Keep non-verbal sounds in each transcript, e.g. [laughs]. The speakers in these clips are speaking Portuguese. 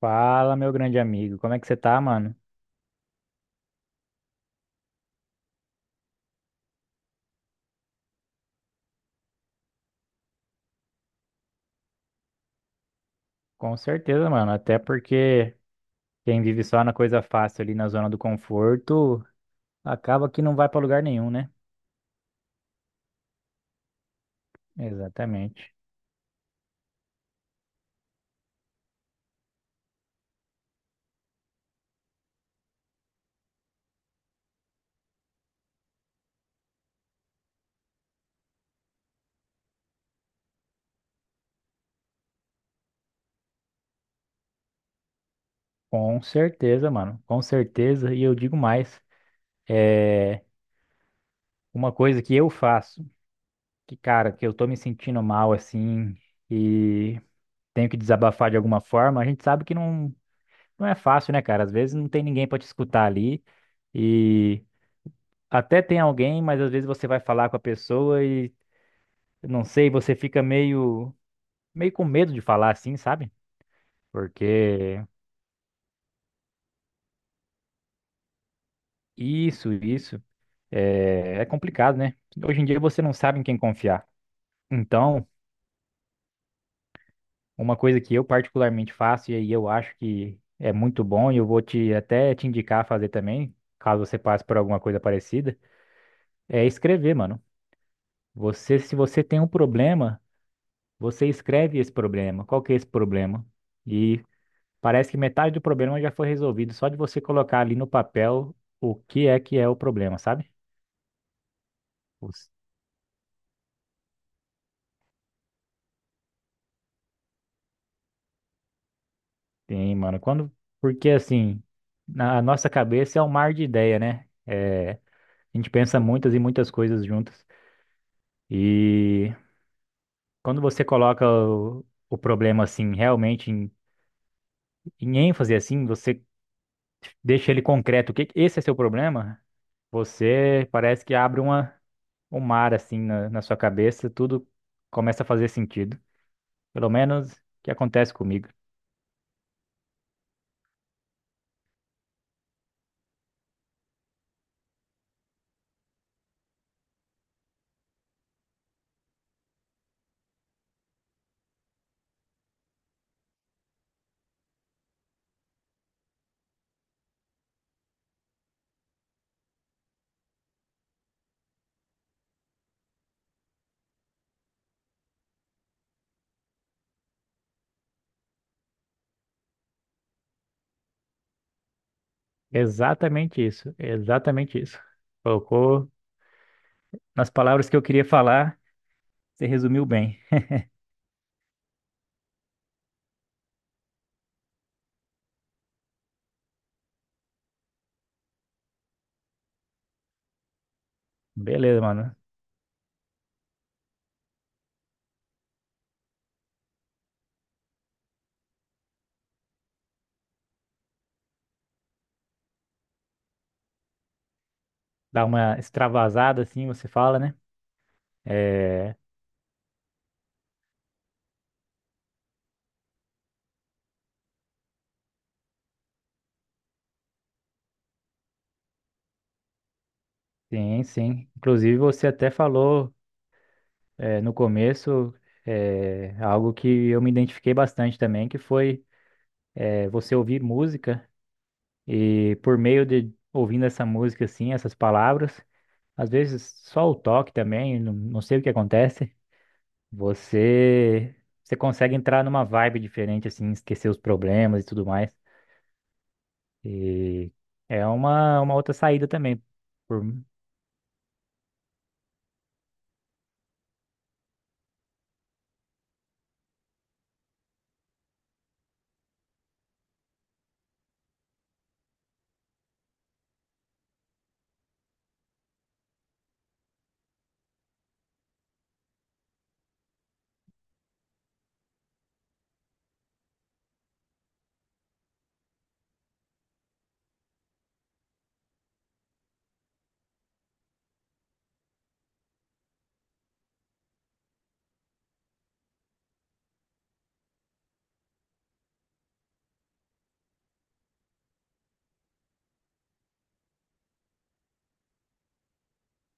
Fala, meu grande amigo. Como é que você tá, mano? Com certeza, mano. Até porque quem vive só na coisa fácil ali na zona do conforto acaba que não vai pra lugar nenhum, né? Exatamente. Com certeza, mano. Com certeza. E eu digo mais, uma coisa que eu faço, que, cara, que eu tô me sentindo mal assim e tenho que desabafar de alguma forma, a gente sabe que não, não é fácil, né, cara? Às vezes não tem ninguém pra te escutar ali e até tem alguém, mas às vezes você vai falar com a pessoa e eu não sei, você fica meio com medo de falar assim, sabe? Porque isso é complicado, né? Hoje em dia você não sabe em quem confiar. Então, uma coisa que eu particularmente faço, e aí eu acho que é muito bom, e eu vou te até te indicar a fazer também, caso você passe por alguma coisa parecida, é escrever, mano. Se você tem um problema, você escreve esse problema. Qual que é esse problema? E parece que metade do problema já foi resolvido só de você colocar ali no papel o que é o problema, sabe? Os- Tem, mano. Porque assim, na nossa cabeça é um mar de ideia, né? É, a gente pensa muitas e muitas coisas juntas. E quando você coloca o problema assim, realmente em ênfase assim, você deixa ele concreto. O que esse é seu problema? Você parece que abre um mar assim na sua cabeça, tudo começa a fazer sentido. Pelo menos que acontece comigo. Exatamente isso, exatamente isso. Colocou nas palavras que eu queria falar, você resumiu bem. Beleza, mano. Dá uma extravasada assim, você fala, né? É, sim, sim. Inclusive, você até falou no começo algo que eu me identifiquei bastante também, que foi você ouvir música e por meio de ouvindo essa música assim, essas palavras, às vezes só o toque também, não não sei o que acontece. Você, você consegue entrar numa vibe diferente, assim, esquecer os problemas e tudo mais. E é uma outra saída também. Por,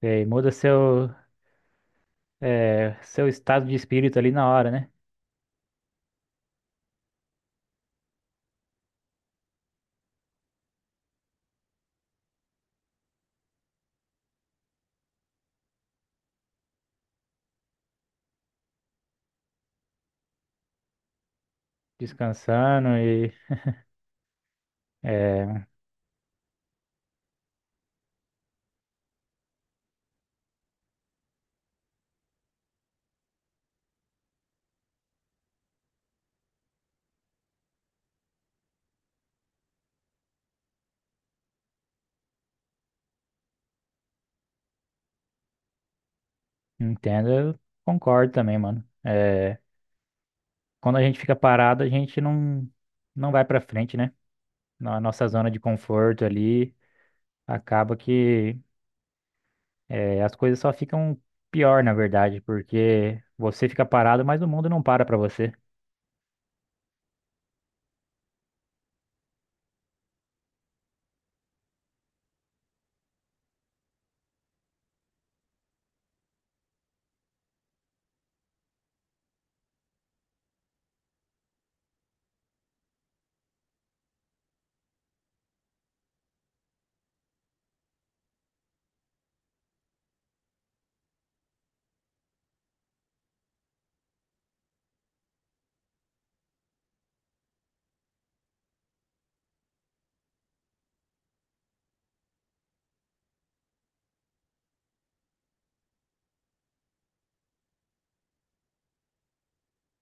Muda seu estado de espírito ali na hora, né? Descansando. É, Entendo, eu concordo também, mano. É, quando a gente fica parado, a gente não, não vai pra frente, né? Na nossa zona de conforto ali, acaba que. É, as coisas só ficam pior, na verdade, porque você fica parado, mas o mundo não para pra você.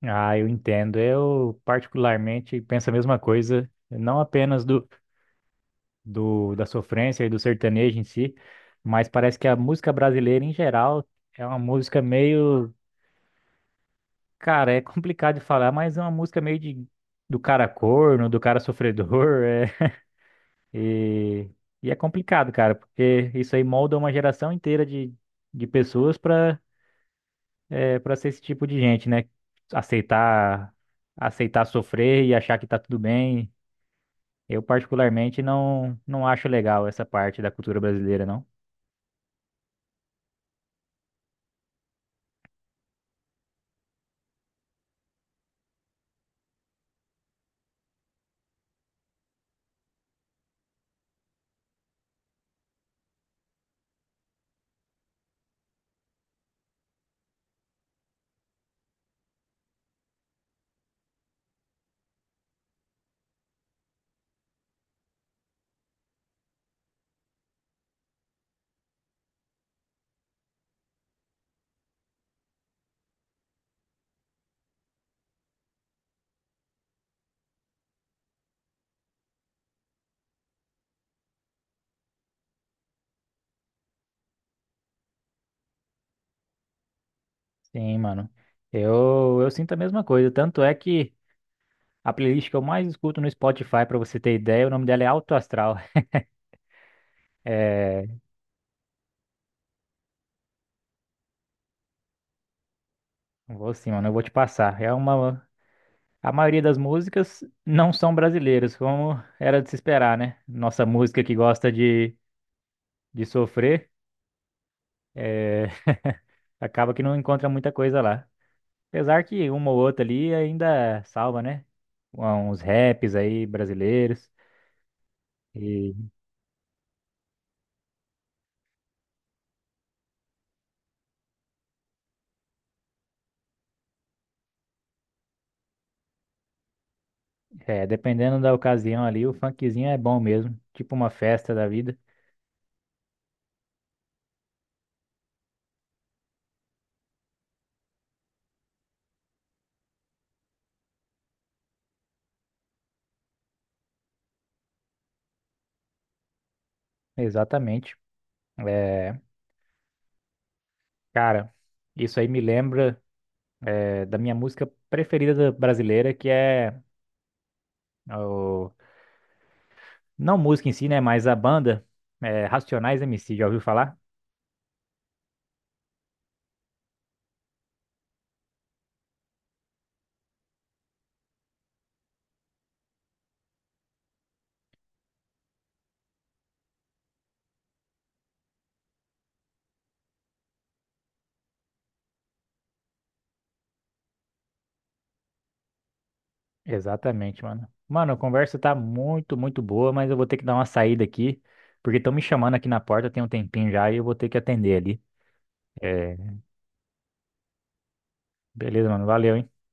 Ah, eu entendo. Eu particularmente penso a mesma coisa, não apenas do, do da sofrência e do sertanejo em si, mas parece que a música brasileira em geral é uma música meio, cara, é complicado de falar, mas é uma música meio de do cara corno, do cara sofredor, [laughs] é. E é complicado, cara, porque isso aí molda uma geração inteira de pessoas pra ser esse tipo de gente, né? Aceitar, aceitar sofrer e achar que tá tudo bem. Eu particularmente não, não acho legal essa parte da cultura brasileira, não. Sim, mano. Eu sinto a mesma coisa. Tanto é que a playlist que eu mais escuto no Spotify, pra você ter ideia, o nome dela é Alto Astral. [laughs] É, vou sim, mano, eu vou te passar. A maioria das músicas não são brasileiras, como era de se esperar, né? Nossa música que gosta de sofrer. é, Acaba que não encontra muita coisa lá. Apesar que uma ou outra ali ainda salva, né? Uns raps aí brasileiros. E Dependendo da ocasião ali, o funkzinho é bom mesmo. Tipo uma festa da vida. Exatamente. É, cara, isso aí me lembra da minha música preferida brasileira, que é o, não música em si, né? Mas a banda Racionais MC, já ouviu falar? Exatamente, mano. Mano, a conversa tá muito, muito boa, mas eu vou ter que dar uma saída aqui, porque estão me chamando aqui na porta, tem um tempinho já e eu vou ter que atender ali. É, beleza, mano. Valeu, hein?